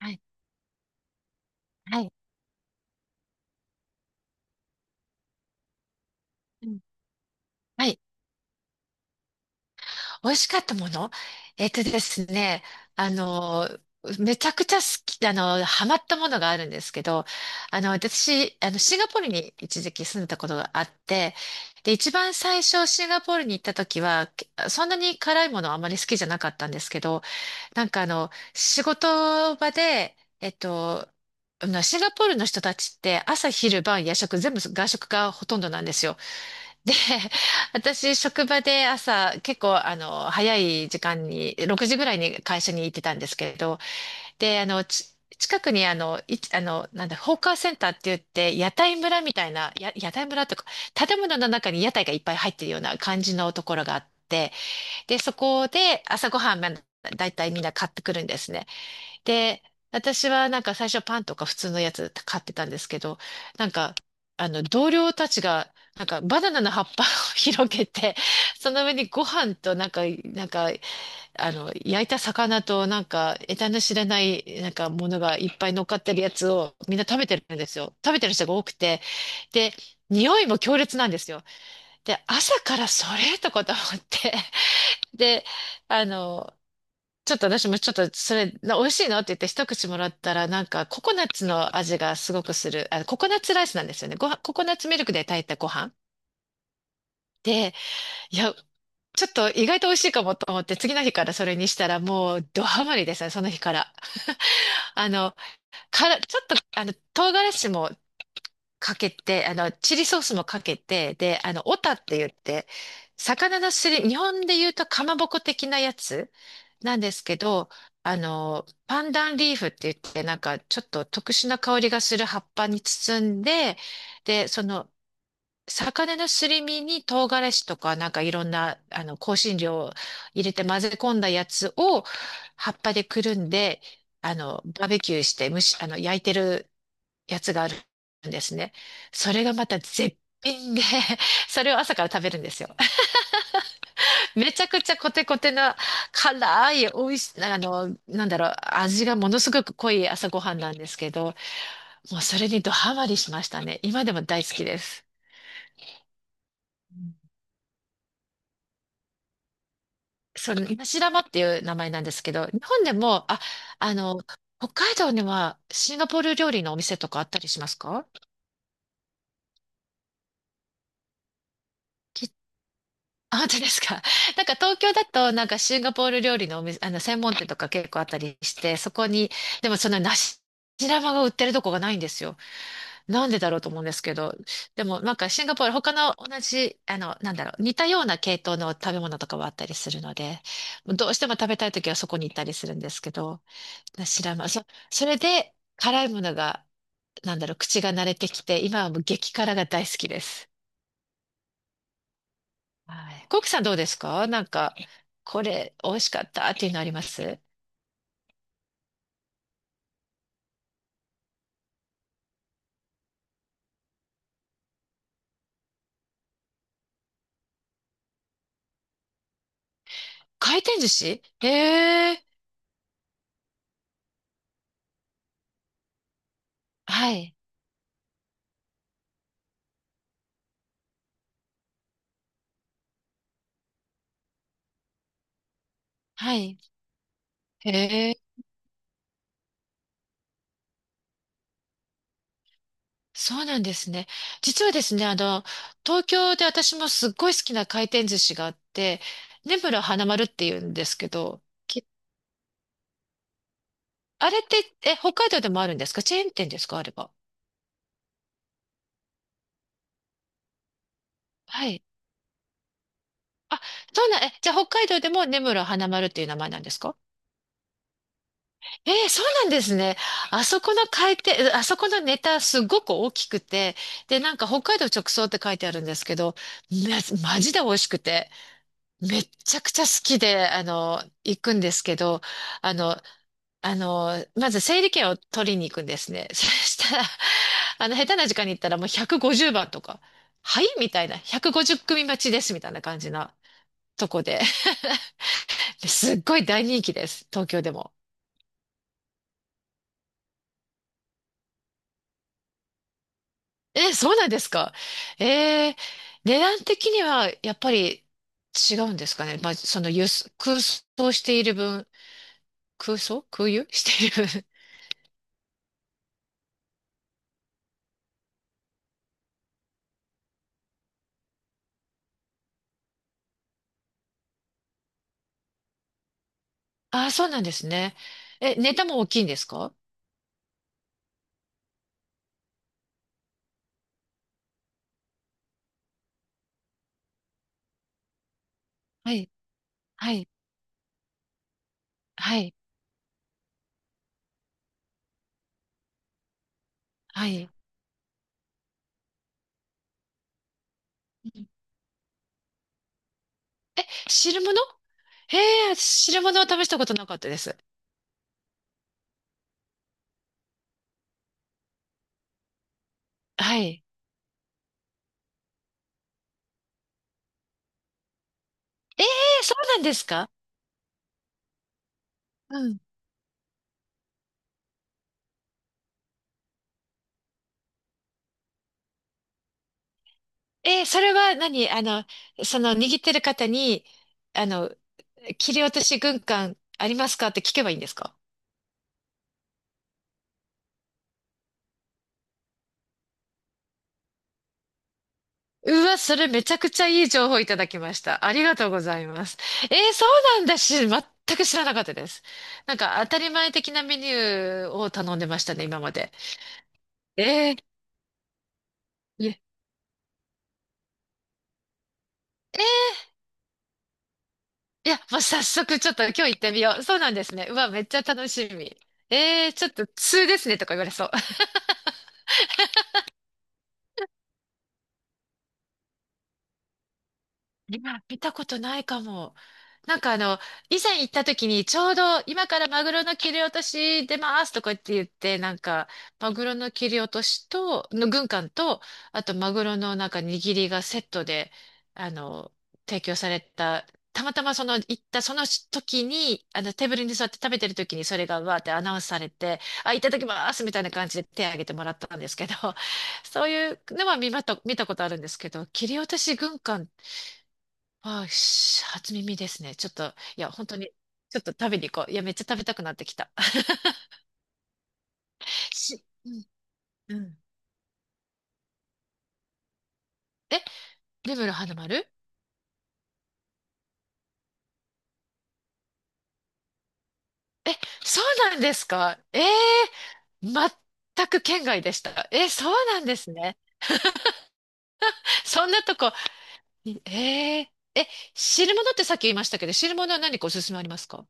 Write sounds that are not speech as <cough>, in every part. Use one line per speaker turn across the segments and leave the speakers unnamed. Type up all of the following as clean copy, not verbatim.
はい、はい、うん、はい。美味しかったもの。えっとですね、あの、めちゃくちゃ好き、ハマったものがあるんですけど、私、シンガポールに一時期住んだことがあって、で、一番最初シンガポールに行った時は、そんなに辛いものはあまり好きじゃなかったんですけど、なんか仕事場で、シンガポールの人たちって朝昼晩夜食全部外食がほとんどなんですよ。で、<laughs> 私、職場で朝、結構、早い時間に、6時ぐらいに会社に行ってたんですけれど、で、近くに、あの、い、あの、なんだ、ホーカーセンターって言って、屋台村みたいな、屋台村とか、建物の中に屋台がいっぱい入ってるような感じのところがあって、で、そこで朝ごはん、まあだいたいみんな買ってくるんですね。で、私はなんか最初パンとか普通のやつ買ってたんですけど、なんか、同僚たちが、なんかバナナの葉っぱを <laughs> 広げて、その上にご飯となんか、焼いた魚となんか、得体の知れない、なんかものがいっぱい乗っかってるやつをみんな食べてるんですよ。食べてる人が多くて。で、匂いも強烈なんですよ。で、朝からそれとかと思って。<laughs> で、あの、ちょっと私もちょっとそれ、美味しいのって言って一口もらったら、なんかココナッツの味がすごくする。あ、ココナッツライスなんですよね。ご飯、ココナッツミルクで炊いたご飯。で、いや、ちょっと意外と美味しいかもと思って、次の日からそれにしたらもうドハマりですね、その日から。あの、ちょっと、唐辛子もかけて、チリソースもかけて、で、オタって言って、魚のすり、日本で言うとかまぼこ的なやつなんですけど、パンダンリーフって言って、なんかちょっと特殊な香りがする葉っぱに包んで、で、魚のすり身に唐辛子とか、なんかいろんな、香辛料を入れて混ぜ込んだやつを葉っぱでくるんで、バーベキューして焼いてるやつがあるんですね。それがまた絶品で、<laughs> それを朝から食べるんですよ。<laughs> めちゃくちゃコテコテな辛い、美味しい、味がものすごく濃い朝ごはんなんですけど、もうそれにドハマりしましたね。今でも大好きです。ナシラマっていう名前なんですけど、日本でも、あ、あの、北海道にはシンガポール料理のお店とかあったりしますか？あ、本当ですか。<laughs> なんか東京だと、なんかシンガポール料理のお店、専門店とか結構あったりして、そこに、でもその梨玉が売ってるとこがないんですよ。なんでだろうと思うんですけど。でもなんかシンガポール、他の同じ、似たような系統の食べ物とかはあったりするので、どうしても食べたい時はそこに行ったりするんですけど、梨玉、それで辛いものが、口が慣れてきて、今はもう激辛が大好きです。はい。コウキさんどうですか？なんか、これ美味しかったっていうのあります？回転寿司へえ。はい。はい。へえ。そうなんですね。実はですね、東京で私もすっごい好きな回転寿司があって、根室花丸っていうんですけど、あれって、え、北海道でもあるんですか？チェーン店ですかあれば。はい。あ、そうなん、え、じゃあ北海道でも根室花丸っていう名前なんですか？ええ、そうなんですね。あそこの回転、あそこのネタすごく大きくて、で、なんか北海道直送って書いてあるんですけど、め、マジで美味しくて、めっちゃくちゃ好きで、行くんですけど、あの、まず整理券を取りに行くんですね。<laughs> そしたら、下手な時間に行ったらもう150番とか、はいみたいな、150組待ちですみたいな感じなとこで <laughs> すっごい大人気です、東京でも。え、そうなんですか？えー、値段的にはやっぱり違うんですかね。まあ、その輸送空想している分、空想空輸 <laughs> している分。<laughs> ああ、そうなんですね。え、ネタも大きいんですか？はい、はい、はい、はい。汁物へえ、汁物を試したことなかったです。はい。ええ、そうなんですか？うん。えー、それは何その握ってる方に、あの、切り落とし軍艦ありますかって聞けばいいんですか？うわ、それめちゃくちゃいい情報いただきました。ありがとうございます。そうなんだし、全く知らなかったです。なんか当たり前的なメニューを頼んでましたね、今まで。えー、いえ、いや、もう早速ちょっと今日行ってみよう。そうなんですね。うわ、めっちゃ楽しみ。ちょっと通ですねとか言われそう。<laughs> 今見たことないかも。なんか以前行った時にちょうど今からマグロの切り落とし出ますとかって言って、なんかマグロの切り落としと、の軍艦と、あとマグロのなんか握りがセットで、あの、提供された、たまたまその行ったその時に、あのテーブルに座って食べてる時にそれがわーってアナウンスされて、あ、いただきますみたいな感じで手を挙げてもらったんですけど、そういうのは見たことあるんですけど、切り落とし軍艦？あー、初耳ですね。ちょっと、いや、本当に、ちょっと食べに行こう。いや、めっちゃ食べたくなってきた。<laughs> うん、うん。え、根室花丸、え、そうなんですか？ええー、全く県外でした。え、そうなんですね。そんなとこ、ええー、え、汁物ってさっき言いましたけど、汁物は何かおすすめありますか？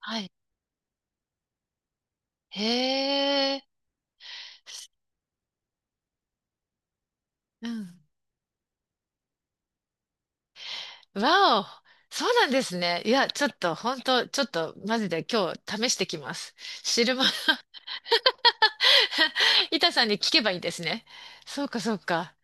はい。へえ、うん。わお、そうなんですね。いや、ちょっと、本当ちょっと、マジで今日試してきます。汁物 <laughs> 板さんに聞けばいいんですね。そうか、そうか。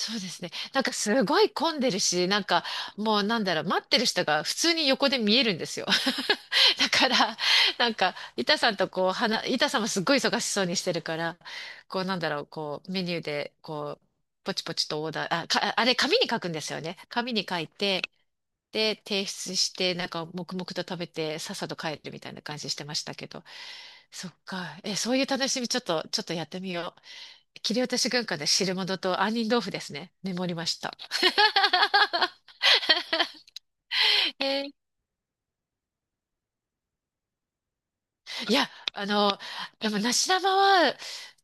そうですね。なんかすごい混んでるし、なんかもう待ってる人が普通に横で見えるんですよ。<laughs> だから、なんか、板さんとこう、話、板さんもすっごい忙しそうにしてるから、こうこう、メニューで、こう、ポチポチとオーダー、あれ、紙に書くんですよね。紙に書いて、で、提出して、なんか黙々と食べて、さっさと帰るみたいな感じしてましたけど。そっか。え、そういう楽しみ、ちょっとやってみよう。切り落とし軍艦で汁物と杏仁豆腐ですね。メモりました。<laughs> えーいや、でも梨玉は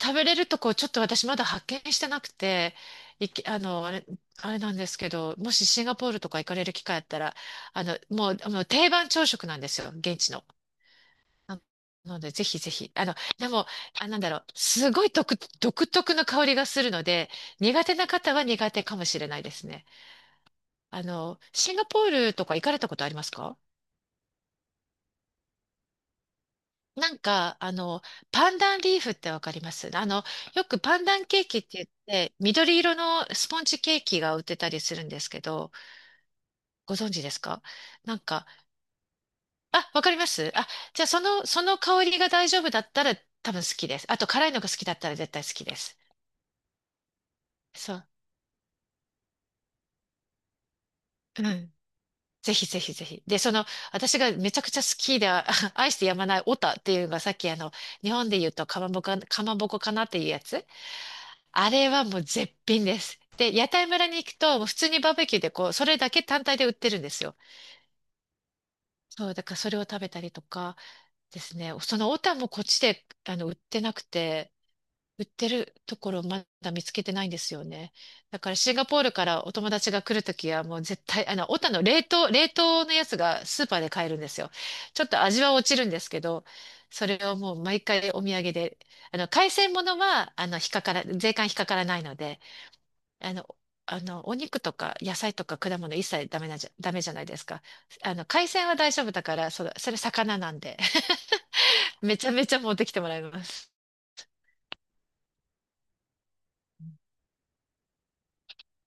食べれるとこちょっと私まだ発見してなくて、いき、あの、あれ、あれなんですけど、もしシンガポールとか行かれる機会あったら、もう定番朝食なんですよ、現地の。なので、ぜひぜひ。でも、あ、すごい独特の香りがするので、苦手な方は苦手かもしれないですね。シンガポールとか行かれたことありますか？なんか、パンダンリーフってわかります？よくパンダンケーキって言って、緑色のスポンジケーキが売ってたりするんですけど、ご存知ですか？なんか、あ、わかります、あ、じゃあその香りが大丈夫だったら多分好きです。あと、辛いのが好きだったら絶対好きです。そう。うんぜひぜひぜひ。で、私がめちゃくちゃ好きで、あ <laughs> 愛してやまないオタっていうのがさっき日本で言うとかまぼこかなっていうやつ。あれはもう絶品です。で、屋台村に行くと、もう普通にバーベキューでこう、それだけ単体で売ってるんですよ。そう、だからそれを食べたりとかですね。そのオタもこっちで、売ってなくて、売ってるところまだ見つけてないんですよね。だからシンガポールからお友達が来るときはもう絶対、オタの冷凍のやつがスーパーで買えるんですよ。ちょっと味は落ちるんですけど、それをもう毎回お土産で、海鮮物は、あの、引っかから、税関引っかからないので、あの、お肉とか野菜とか果物一切ダメじゃないですか。海鮮は大丈夫だから、それ魚なんで、<laughs> めちゃめちゃ持ってきてもらいます。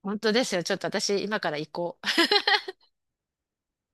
本当ですよ。ちょっと私、今から行こう。